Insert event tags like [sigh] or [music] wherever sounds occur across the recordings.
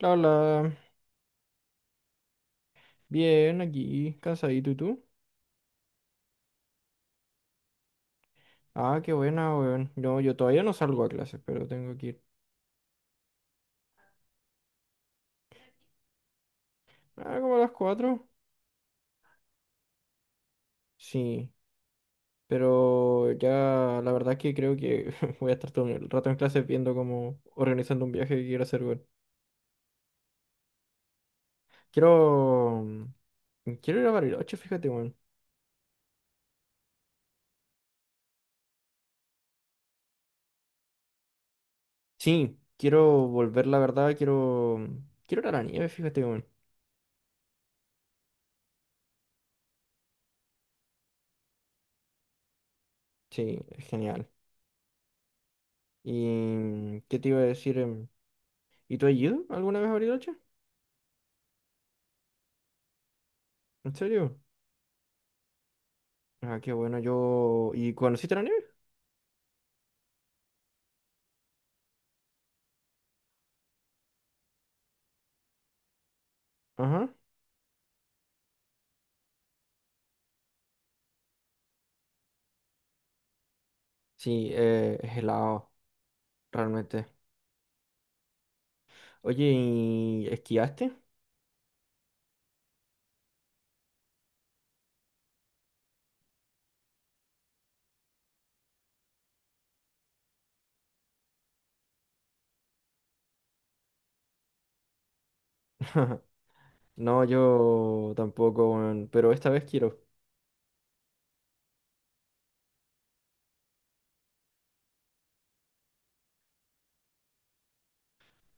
La, la, Bien, aquí, cansadito, ¿y tú? Ah, qué buena, weón. No, yo todavía no salgo a clases, pero tengo que ir. Ah, ¿como a las 4? Sí, pero ya la verdad que creo que [laughs] voy a estar todo el rato en clases viendo cómo organizando un viaje que quiero hacer, weón. Quiero... Quiero ir a Bariloche, fíjate, weón. Sí, quiero volver, la verdad, Quiero ir a la nieve, fíjate, weón. Sí, es genial. ¿Y qué te iba a decir? ¿Y tú has ido alguna vez a Bariloche? ¿En serio? Ah, qué bueno, ¿Y conociste la nieve? Ajá. Sí, es helado, realmente. Oye, ¿y esquiaste? [laughs] No, yo tampoco, weón, pero esta vez quiero.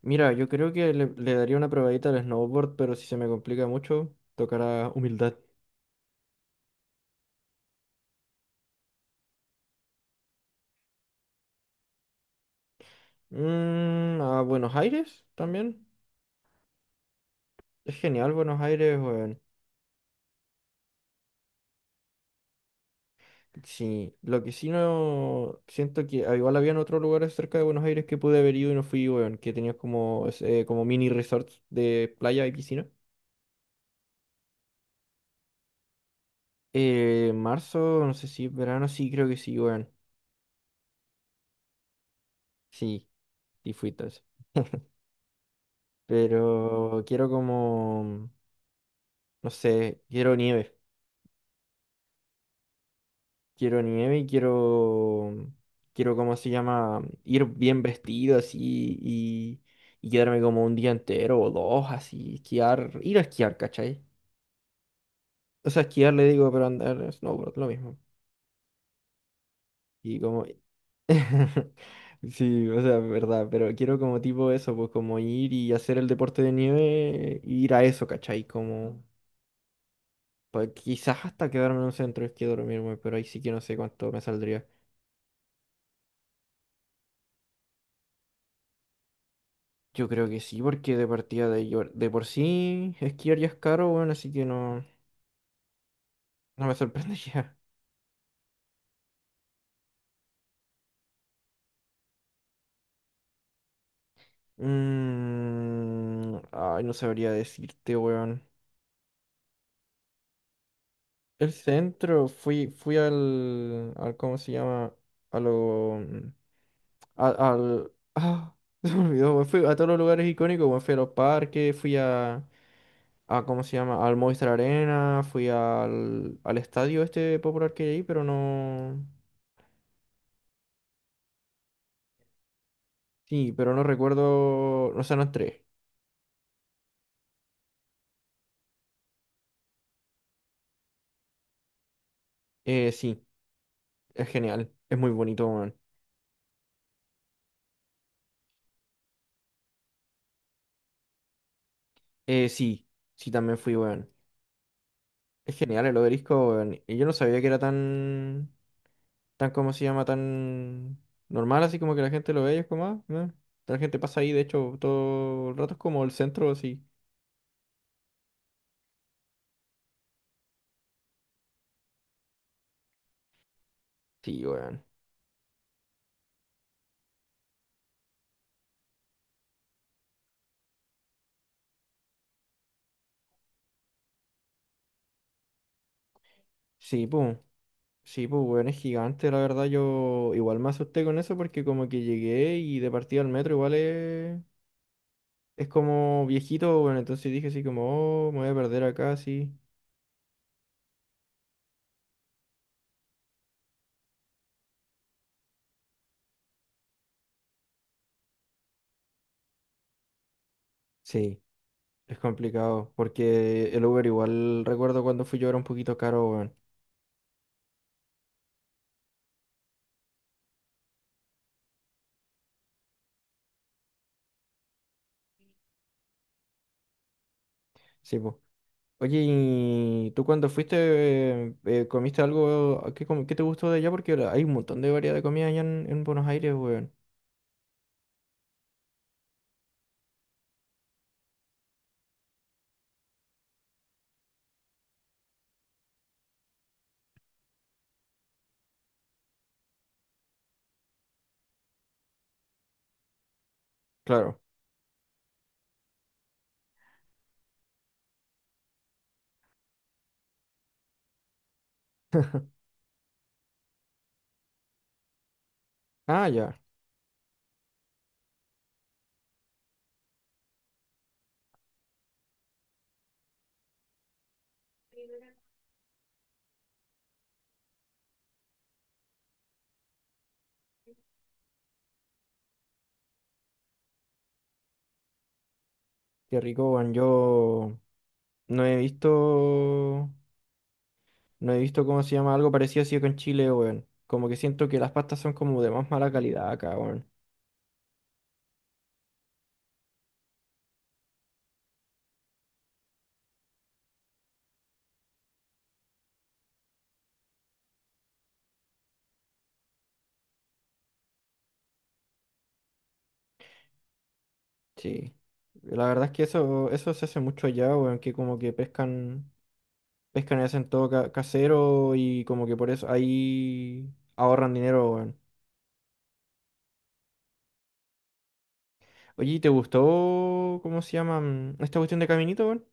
Mira, yo creo que le daría una probadita al snowboard, pero si se me complica mucho, tocará humildad. A Buenos Aires también. Es genial Buenos Aires, weón. Sí, lo que sí no siento que igual habían otros lugares cerca de Buenos Aires que pude haber ido y no fui, weón, que tenías como, como mini resorts de playa y piscina. Marzo, no sé si verano, sí, creo que sí, weón. Sí, y fui todo eso. Pero quiero como, no sé, quiero nieve. Quiero nieve y quiero, ¿cómo se llama? Ir bien vestido así y, y quedarme como un día entero o dos así, esquiar, ir a esquiar, ¿cachai? O sea, esquiar le digo, pero andar snowboard, lo mismo. Y como... [laughs] Sí, o sea, verdad, pero quiero como tipo eso, pues como ir y hacer el deporte de nieve, ir a eso, ¿cachai? Como... Pues quizás hasta quedarme en un centro de esquí a dormirme, pero ahí sí que no sé cuánto me saldría. Yo creo que sí, porque de partida de por sí esquiar ya es caro, bueno, así que no, no me sorprendería. [laughs] Ay, no sabría decirte, weón. El centro, fui al, ¿cómo se llama? A lo, mm, a- al, ah, [laughs] se me olvidó, weón. Fui a todos los lugares icónicos, weón. Fui a los parques, fui a, ¿cómo se llama? Al Movistar Arena, fui al estadio este popular que hay, ahí, pero no, sí, pero no recuerdo, no, o sea, no entré. Sí, es genial, es muy bonito, weón. Sí, sí, también fui, weón. Es genial el obelisco, weón. Y yo no sabía que era tan... tan como se llama, tan normal, así como que la gente lo ve y es como, ah, meh. La gente pasa ahí, de hecho, todo el rato es como el centro, así. Sí, weón. Sí, pum. Sí, pues, weón, es gigante, la verdad. Yo igual me asusté con eso porque como que llegué y de partida al metro igual es como viejito, bueno, entonces dije así como, oh, me voy a perder acá, sí. Sí, es complicado porque el Uber igual, recuerdo cuando fui yo era un poquito caro, weón. Sí, pues. Oye, ¿y tú cuando fuiste comiste algo qué que te gustó de allá? Porque hay un montón de variedad de comida allá en Buenos Aires, weón. Claro. Ah, ya. Qué rico, weón. Yo no he visto, no he visto cómo se llama algo parecido así con Chile, weón. Como que siento que las pastas son como de más mala calidad acá, weón. Sí. La verdad es que eso se hace mucho allá, weón, que como que pescan y hacen todo casero y como que por eso ahí ahorran dinero, weón. Oye, ¿y te gustó, cómo se llama, esta cuestión de Caminito, weón?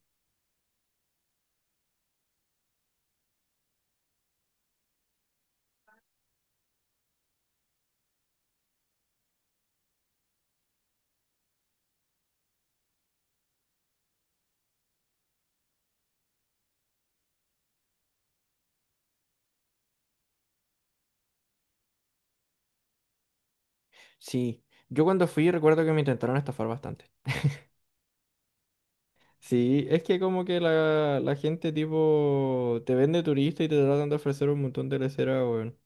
Sí, yo cuando fui recuerdo que me intentaron estafar bastante. Sí, es que como que la gente tipo te vende turista y te tratan de ofrecer un montón de lesera, weón.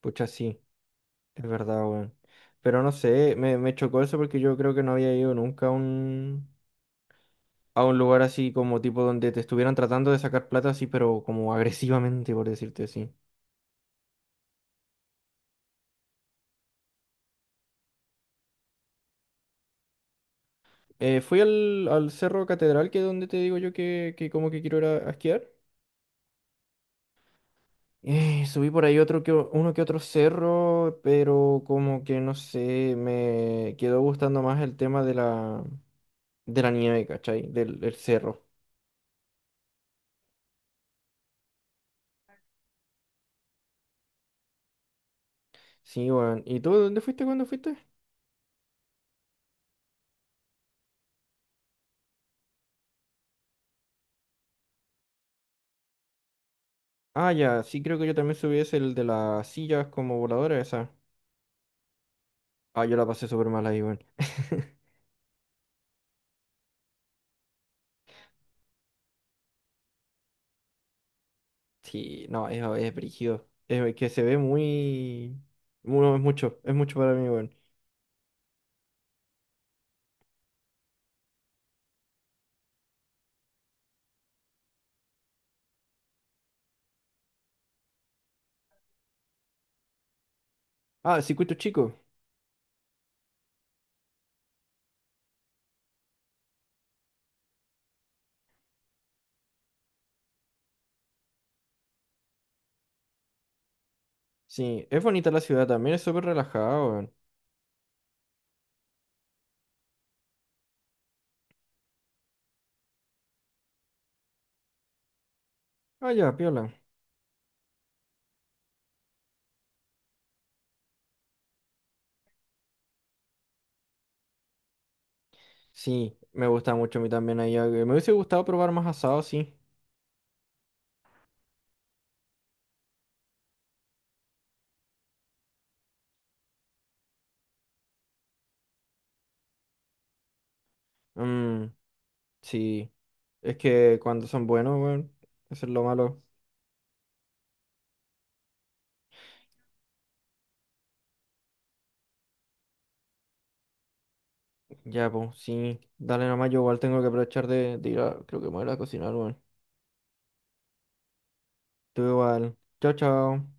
Pucha, sí, es verdad, weón. Pero no sé, me chocó eso porque yo creo que no había ido nunca a un, lugar así como tipo donde te estuvieran tratando de sacar plata así, pero como agresivamente, por decirte así. Fui al Cerro Catedral, que es donde te digo yo que como que quiero ir a esquiar. Subí por ahí uno que otro cerro, pero como que no sé, me quedó gustando más el tema de la nieve, ¿cachai? Del cerro. Sí, weón. ¿Y tú dónde fuiste cuando fuiste? Ah, ya, sí, creo que yo también subí ese, el de las sillas como voladora esa. Ah, yo la pasé súper mal ahí, weón. [laughs] Sí, no, es brígido. Es que se ve no, es mucho, para mí, weón. Ah, circuito chico. Sí, es bonita la ciudad también, es súper relajada, weón. Ah, ya, piola. Sí, me gusta mucho a mí también allá. Me hubiese gustado probar más asado, sí. Mm, sí. Es que cuando son buenos, weón. Eso es lo malo. Ya, pues, sí. Dale nomás, yo igual tengo que aprovechar de ir a, creo que me voy a ir a cocinar, weón. Tú igual. Chao, chao.